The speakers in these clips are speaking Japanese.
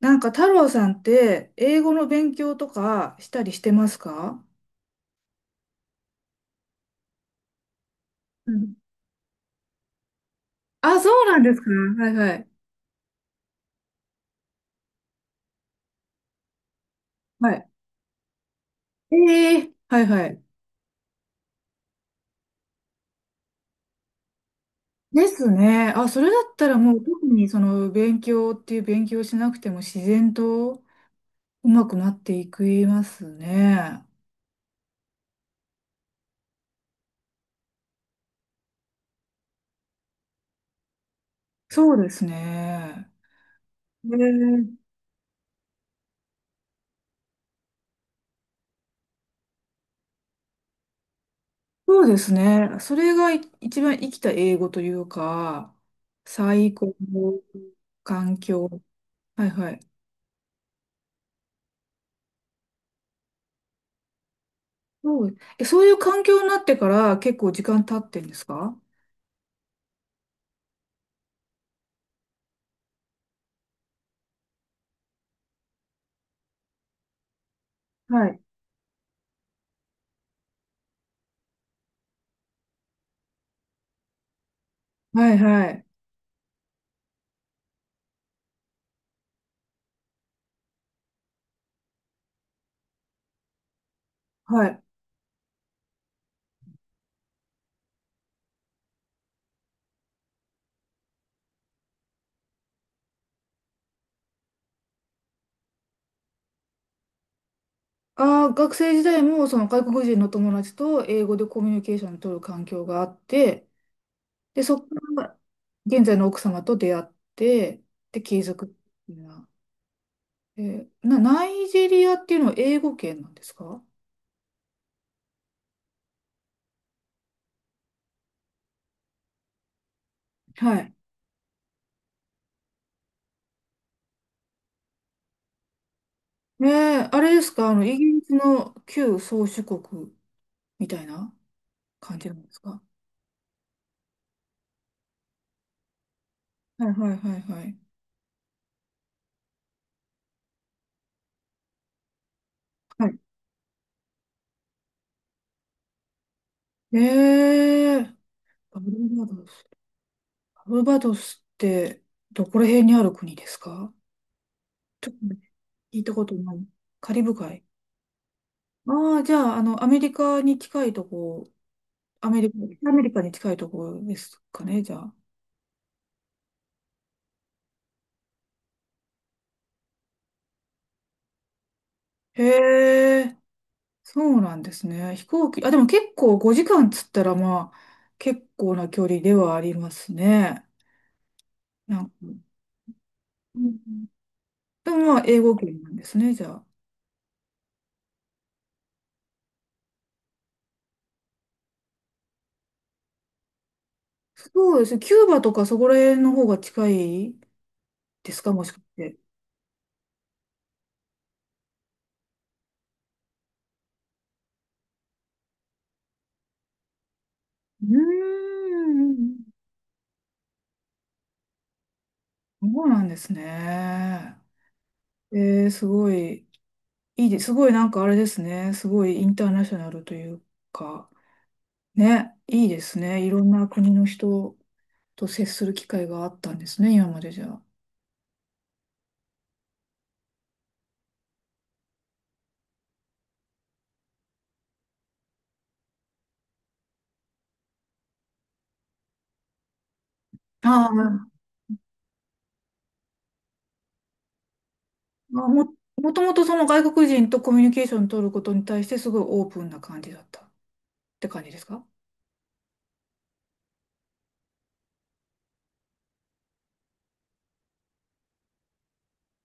なんか太郎さんって英語の勉強とかしたりしてますか？うん。あ、そうなんですか。はいはい。はい。ええはいはい。ですね。あ、それだったらもう特にその勉強っていう勉強しなくても自然とうまくなっていくいますね。そうですね。えーそうですね。それが一番生きた英語というか、最高の環境。はいはい。そう、そういう環境になってから結構時間経ってんですか？はい。はいはい。はい。ああ、学生時代もその外国人の友達と英語でコミュニケーションを取る環境があって、で、そこから現在の奥様と出会って、で、継続っていうのは。えーな、ナイジェリアっていうのは英語圏なんですか？はい。ええ、あれですか、イギリスの旧宗主国みたいな感じなんですか？はいはいはいはい。はい、ええ、バルバドス。バルバドスってどこら辺にある国ですか？ちょっと聞いたことない。カリブ海。ああ、じゃあ、アメリカに近いとこ、アメリカ、アメリカに近いとこですかね、じゃあ。へえ、そうなんですね。飛行機、あ、でも結構5時間つったら、まあ、結構な距離ではありますね。なんか、うんうん。でもまあ、英語圏なんですね、じゃあ。そうですね。キューバとかそこら辺の方が近いですか、もしかして？うーん、そうなんですね。すごい、いいです。すごいなんかあれですね。すごいインターナショナルというか、ね、いいですね。いろんな国の人と接する機会があったんですね、今までじゃあ。ああ、まあもともとその外国人とコミュニケーション取ることに対してすごいオープンな感じだったって感じですか？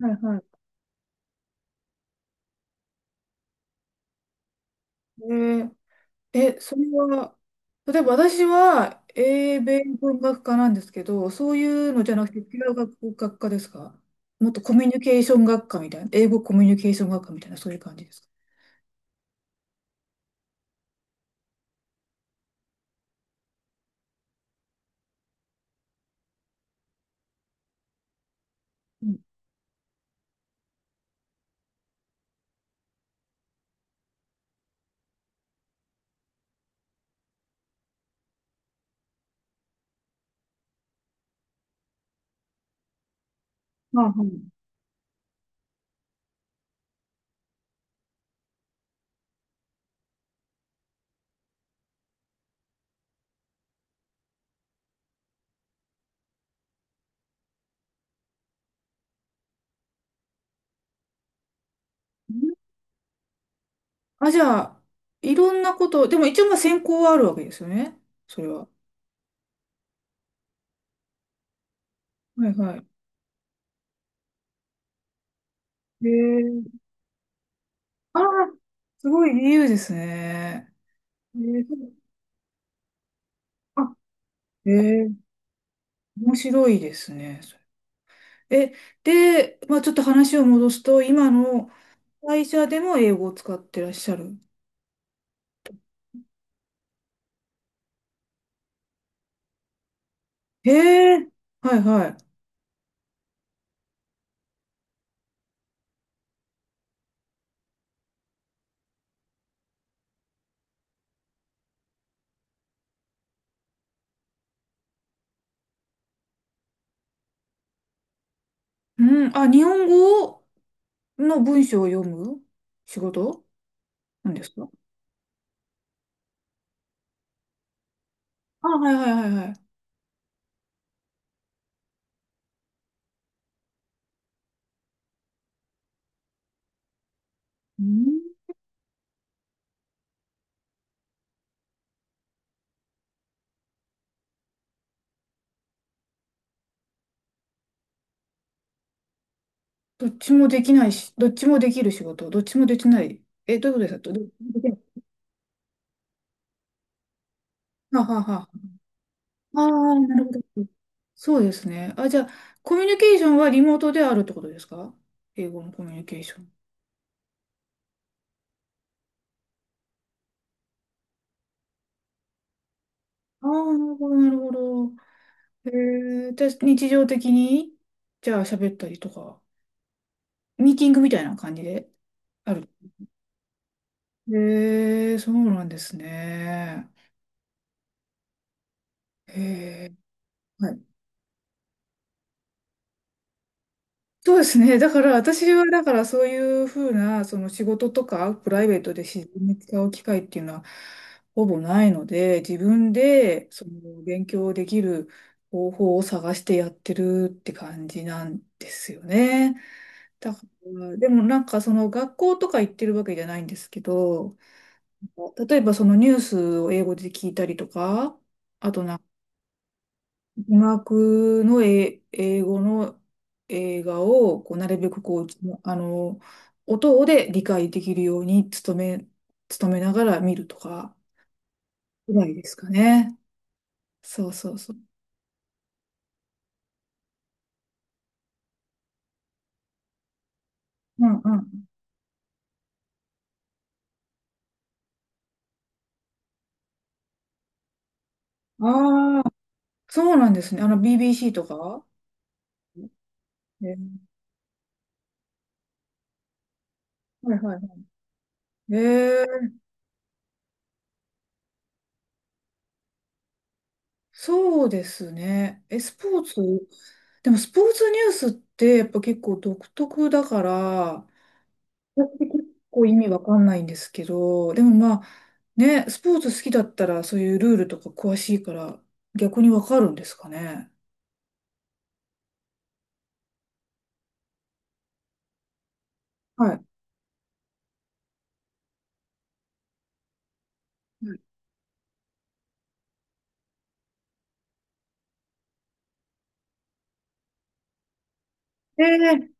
はいはい。えーえ、それは、例えば私は英米文学科なんですけど、そういうのじゃなくて違う学科ですか？もっとコミュニケーション学科みたいな、英語コミュニケーション学科みたいな、そういう感じですか？うん、あ、はい。あ、じゃあ、いろんなこと、でも一応まあ専攻はあるわけですよね。それは。はいはい。へ、ああ、すごい自由ですね。えーあ、へ面白いですね。え、で、まあちょっと話を戻すと、今の会社でも英語を使ってらっしゃる。へえ、はいはい。うん、あ、日本語の文章を読む仕事なんですか？あ、はいはいはいはい。うん、どっちもできないし、どっちもできる仕事、どっちもできない。え、どういうことですか？できない。はあはあはあ。ああ、なるほど。そうですね。あ、じゃあ、コミュニケーションはリモートであるってことですか？英語のコミュニケーション。ああ、なるほど、なるほど。へえ、じゃあ日常的に、じゃあ喋ったりとか。ミーティングみたいな感じである。そうなんですね。えはい。そうですね。だから私は、だからそういうふうな、その仕事とかプライベートで自然に使う機会っていうのはほぼないので、自分でその勉強できる方法を探してやってるって感じなんですよね。だから、でもなんかその学校とか行ってるわけじゃないんですけど、例えばそのニュースを英語で聞いたりとか、あとなんか字幕の英語の映画をこうなるべくこう、あの、音で理解できるように努めながら見るとかぐらいですかね。そうそうそう。うんうん。ああ、そうなんですね。あの BBC とか。えーはいはいはい。そうですね。え、スポーツでもスポーツニュースってやっぱ結構独特だから、私結構意味わかんないんですけど、でもまあね、スポーツ好きだったらそういうルールとか詳しいから逆にわかるんですかね？はい。ええ、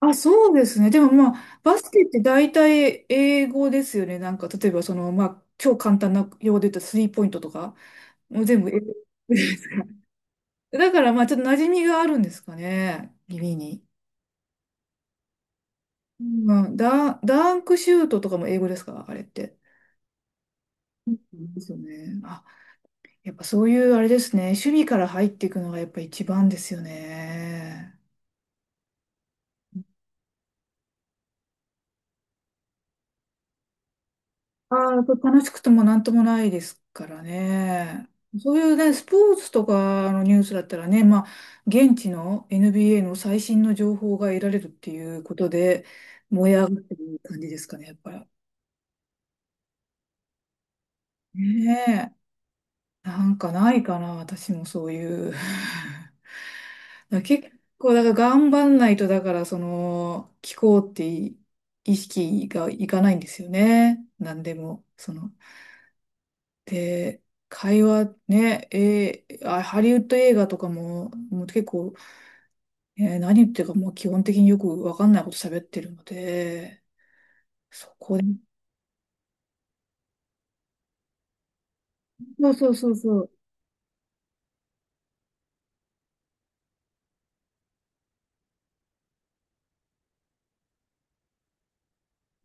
あ、そうですね。でもまあ、バスケって大体英語ですよね。なんか、例えばその、まあ、超簡単な用語で言ったらスリーポイントとか、もう全部英語です。だからまあ、ちょっと馴染みがあるんですかね。耳に。うん、ダンクシュートとかも英語ですか、あれって？そうですよね。あ、やっぱそういうあれですね。守備から入っていくのがやっぱ一番ですよね。ああ、これ楽しくてもなんともないですからね。そういうね、スポーツとかのニュースだったらね、まあ、現地の NBA の最新の情報が得られるっていうことで、燃え上がってる感じですかね、やっぱり。ねえ。なんかないかな、私もそういう。だから結構、だから頑張んないと、だから、その、気候って意識がいかないんですよね。なんでも、その。で、会話ね、ハリウッド映画とかも、もう結構、何言ってるかもう基本的によくわかんないこと喋ってるので、そこで、そうそうそう。そう。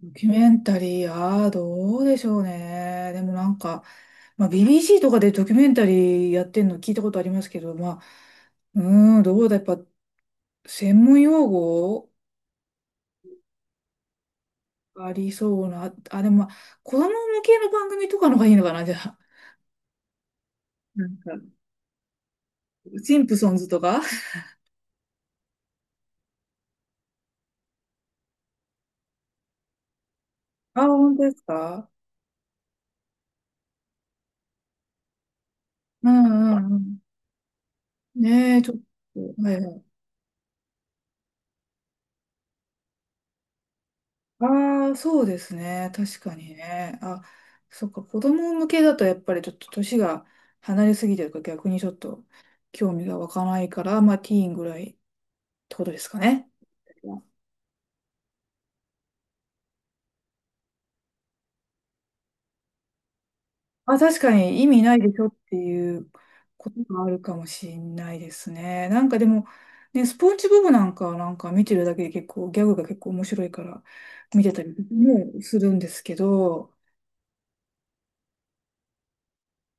ドキュメンタリー、ああ、どうでしょうね。でもなんか、まあ、BBC とかでドキュメンタリーやってんの聞いたことありますけど、まあ、うーん、どうだ、やっぱ、専門用語ありそうな、あ、でもまあ、子供向けの番組とかの方がいいのかな、じゃあ。なんか、シンプソンズとか。ああ、本当ですか？うんうんうん。ねえ、ちょっと、はいはい。ああ、そうですね。確かにね。あ、そっか、子供向けだとやっぱりちょっと年が離れすぎてるから逆にちょっと興味が湧かないから、まあティーンぐらいってことですかね？あ、確かに意味ないでしょっていうことがあるかもしれないですね。なんかでも、ね、スポンジボブなんかはなんか見てるだけで結構ギャグが結構面白いから見てたりもするんですけど、